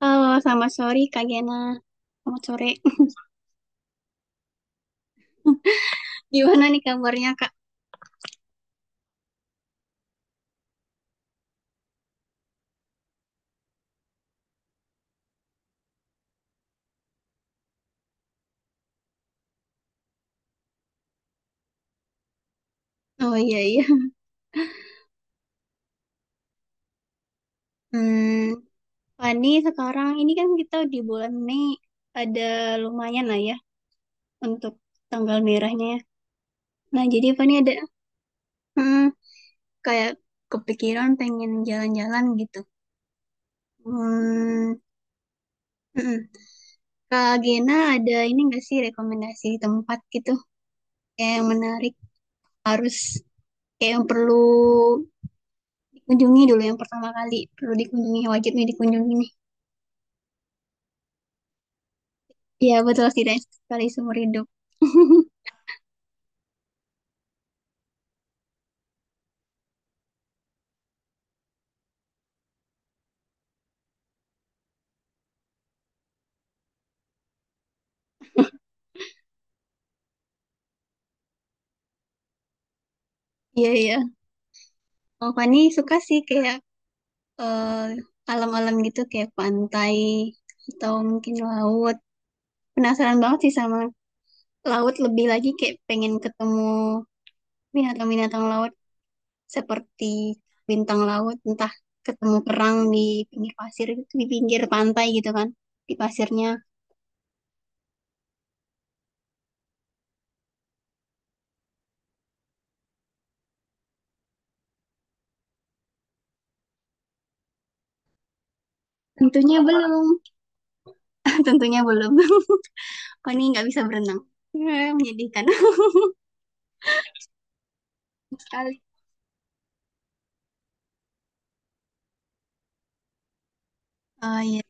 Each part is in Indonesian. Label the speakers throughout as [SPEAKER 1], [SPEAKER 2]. [SPEAKER 1] Halo, selamat sore Kak Gena. Selamat sore. Gimana nih kabarnya Kak? Oh, iya, iya. Hmm, Fani sekarang ini kan kita di bulan Mei ada lumayan lah ya untuk tanggal merahnya, ya. Nah, jadi Fani ada, hmm, kayak, kepikiran pengen jalan-jalan gitu. Hmm, mm-mm. Kak Gena ada ini nggak sih rekomendasi tempat gitu, kayak yang menarik, harus, kayak yang perlu dikunjungi dulu, yang pertama kali perlu dikunjungi, wajibnya dikunjungi nih. Iya, betul, tidak sekali seumur hidup. Iya, iya. Oh, Fani suka sih kayak, eh, alam-alam gitu, kayak pantai atau mungkin laut. Penasaran banget sih sama laut, lebih lagi kayak pengen ketemu binatang-binatang laut seperti bintang laut, entah ketemu kerang di pinggir pasir gitu, di pinggir pantai gitu kan, di pasirnya. Tentunya belum. Tentunya belum. Fani nggak bisa berenang. Menyedihkan sekali. Oh, iya.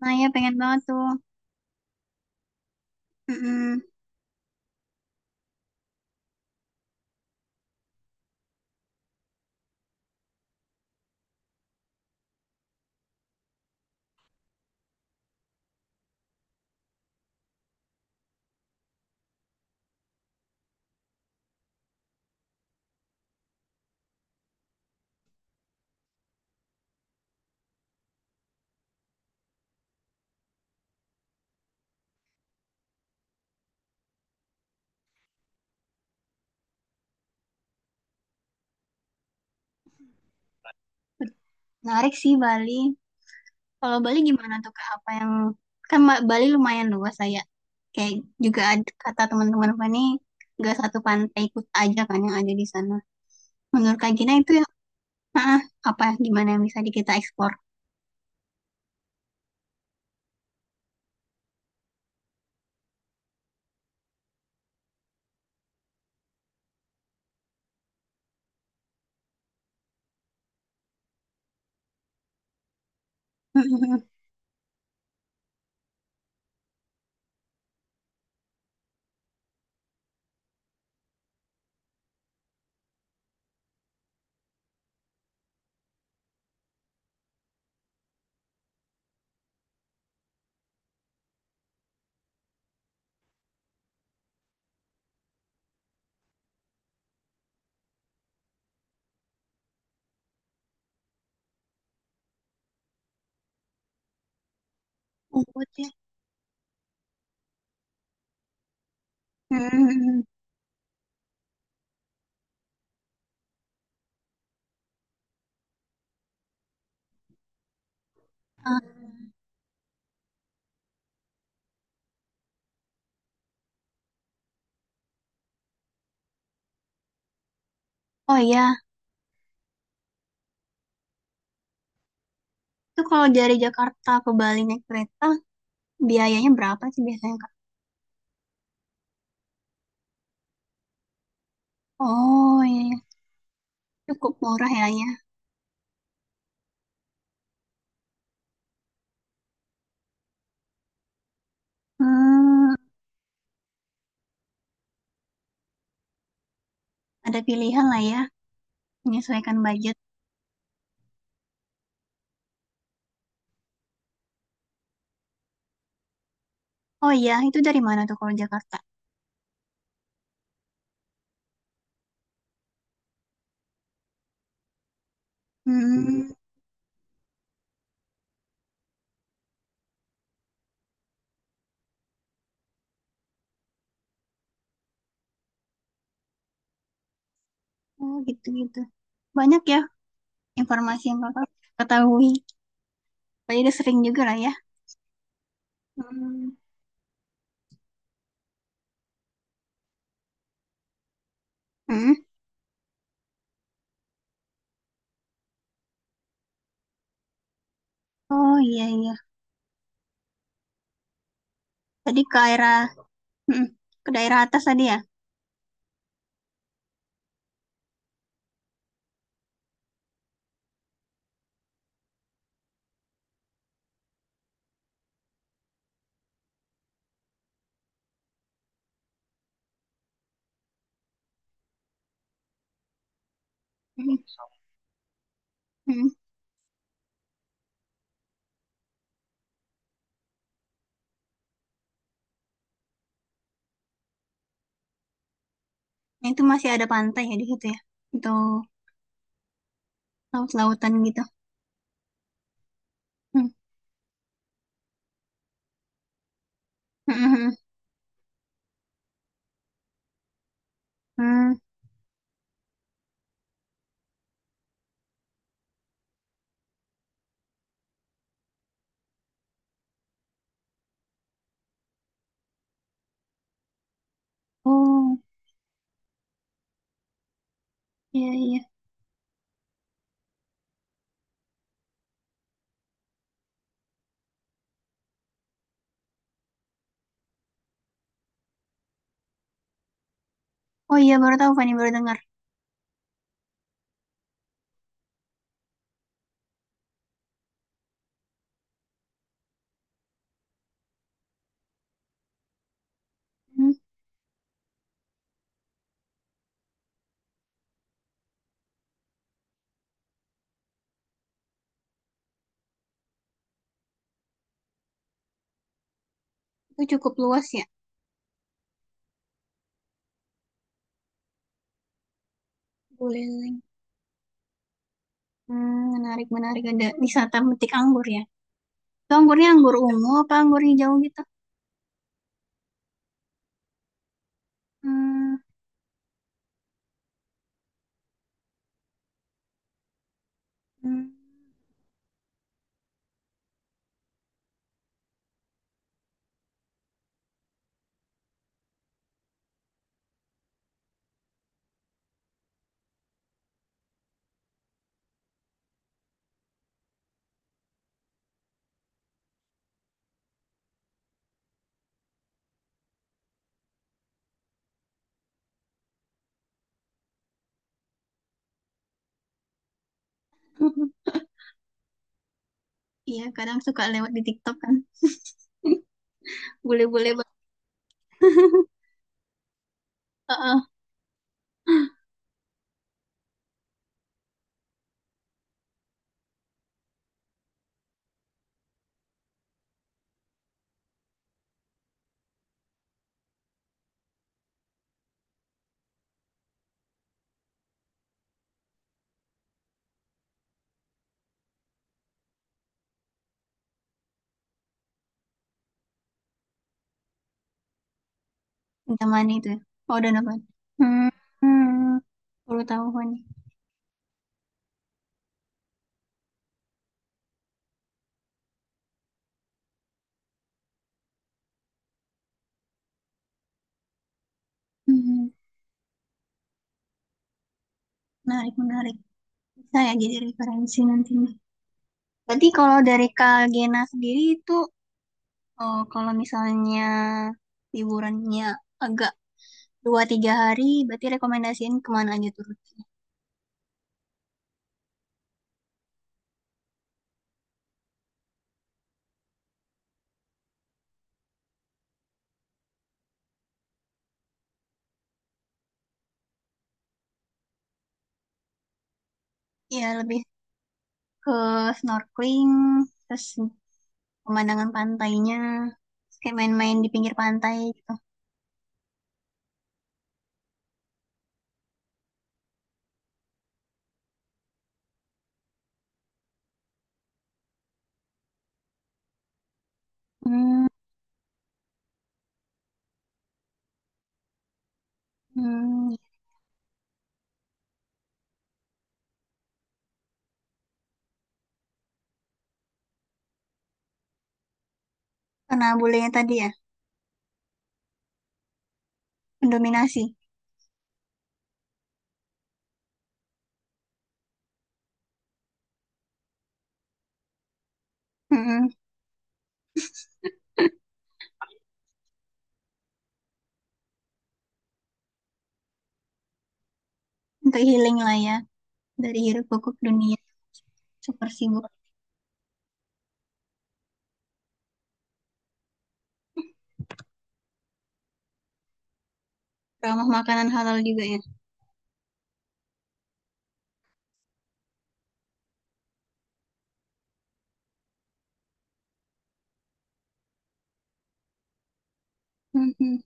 [SPEAKER 1] Nah, ya, pengen banget tuh. Mm-mm. Menarik sih Bali. Kalau Bali gimana tuh Kak? Apa yang, kan Bali lumayan luas saya. Kayak juga ada, kata teman-teman apa nih, nggak satu pantai ikut aja kan yang ada di sana. Menurut Kak Gina itu yang, ah, apa, gimana yang bisa kita eksplor? Mm-mm. Ubud ya. Mm-mm. Ah, oh, iya, itu kalau dari Jakarta ke Bali naik kereta biayanya berapa sih biasanya Kak? Oh, iya, iya, cukup murah ya, ya. Hmm, ada pilihan lah ya, menyesuaikan budget. Oh, iya, itu dari mana tuh kalau Jakarta? Hmm, oh, gitu-gitu. Banyak ya informasi yang kakak ketahui. Tadi udah sering juga lah ya. Hmm. Hmm. Oh, iya, iya. Tadi ke daerah, hmm, ke daerah atas tadi ya. Hmm. Hmm. Nah, itu masih ada pantai ya di situ ya, atau laut-lautan gitu. Hmm. Hmm, hmm, hmm. Hmm. Oh, iya, iya. Oh, iya, baru tahu, Fani baru dengar. Hmm. Itu cukup luas ya. Boleh. Hmm, menarik, menarik, ada wisata metik anggur ya. Itu anggurnya anggur ungu apa anggur hijau gitu? Hmm, hmm. Iya, kadang suka lewat di TikTok kan. Boleh-boleh banget. Heeh. Yang mana itu, ya? Oh, udah dapat. Hmm, hmm. Baru tahu gua nih. Hmm. Menarik, menarik. Bisa ya jadi referensi nantinya. Berarti kalau dari Kak Gena sendiri itu, oh, kalau misalnya liburannya agak dua tiga hari, berarti rekomendasiin kemana aja tuh? Ya, lebih ke snorkeling, terus pemandangan pantainya, terus kayak main-main di pinggir pantai gitu. Hmm, hmm. Karena bulenya tadi ya, mendominasi. Hmm. Untuk healing lah ya, dari hiruk pikuk dunia super sibuk. Ramah makanan halal juga ya. Hmm.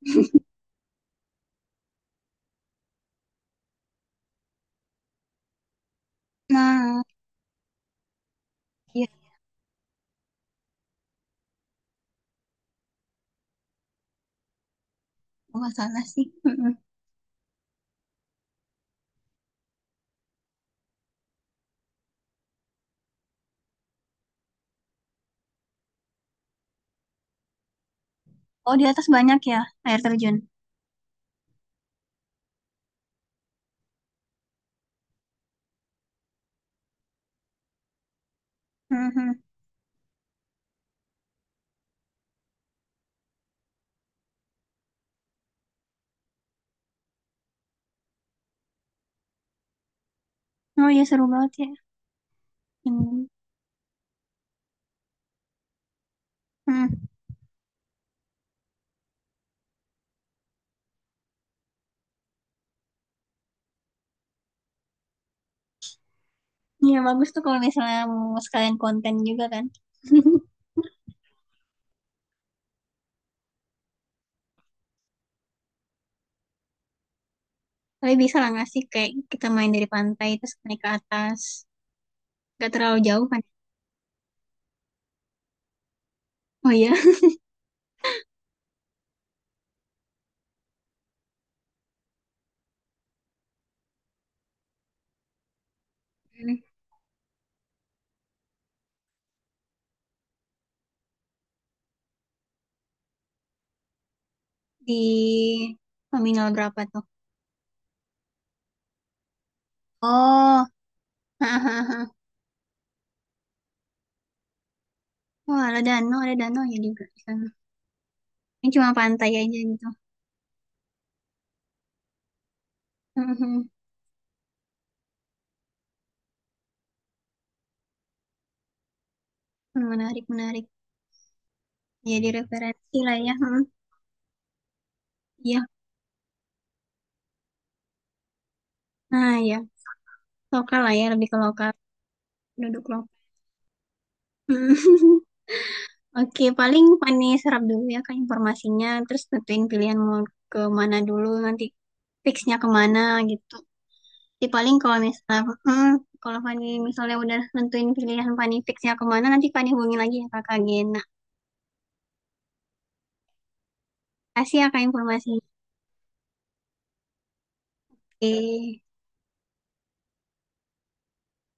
[SPEAKER 1] Nah, iya, nggak salah sih. Hmm. Oh, di atas banyak ya air terjun. Hmm. Oh, iya, seru banget ya. Hmm. Hmm. Iya, bagus tuh kalau misalnya mau sekalian konten juga kan. Tapi bisa lah nggak sih kayak kita main dari pantai terus naik ke atas. Gak terlalu jauh kan? Oh, iya. Hmm. Di nominal berapa tuh? Oh, hahaha. Oh, ada danau ya juga di sana. Ini cuma pantai aja gitu. Mhm. Menarik, menarik. Jadi referensi lah ya. Hmm, iya. Nah ya, lokal lah ya, lebih ke lokal. Duduk lokal. Mhm. Oke, paling Fani serap dulu ya kan informasinya. Terus tentuin pilihan mau ke mana dulu, nanti fixnya kemana gitu. Jadi paling kalau misalnya, kalau Fani misalnya udah nentuin pilihan, Fani fix ya kemana, nanti Fani hubungi lagi ya kakak Gena. Kasih ya kak informasinya. Oke.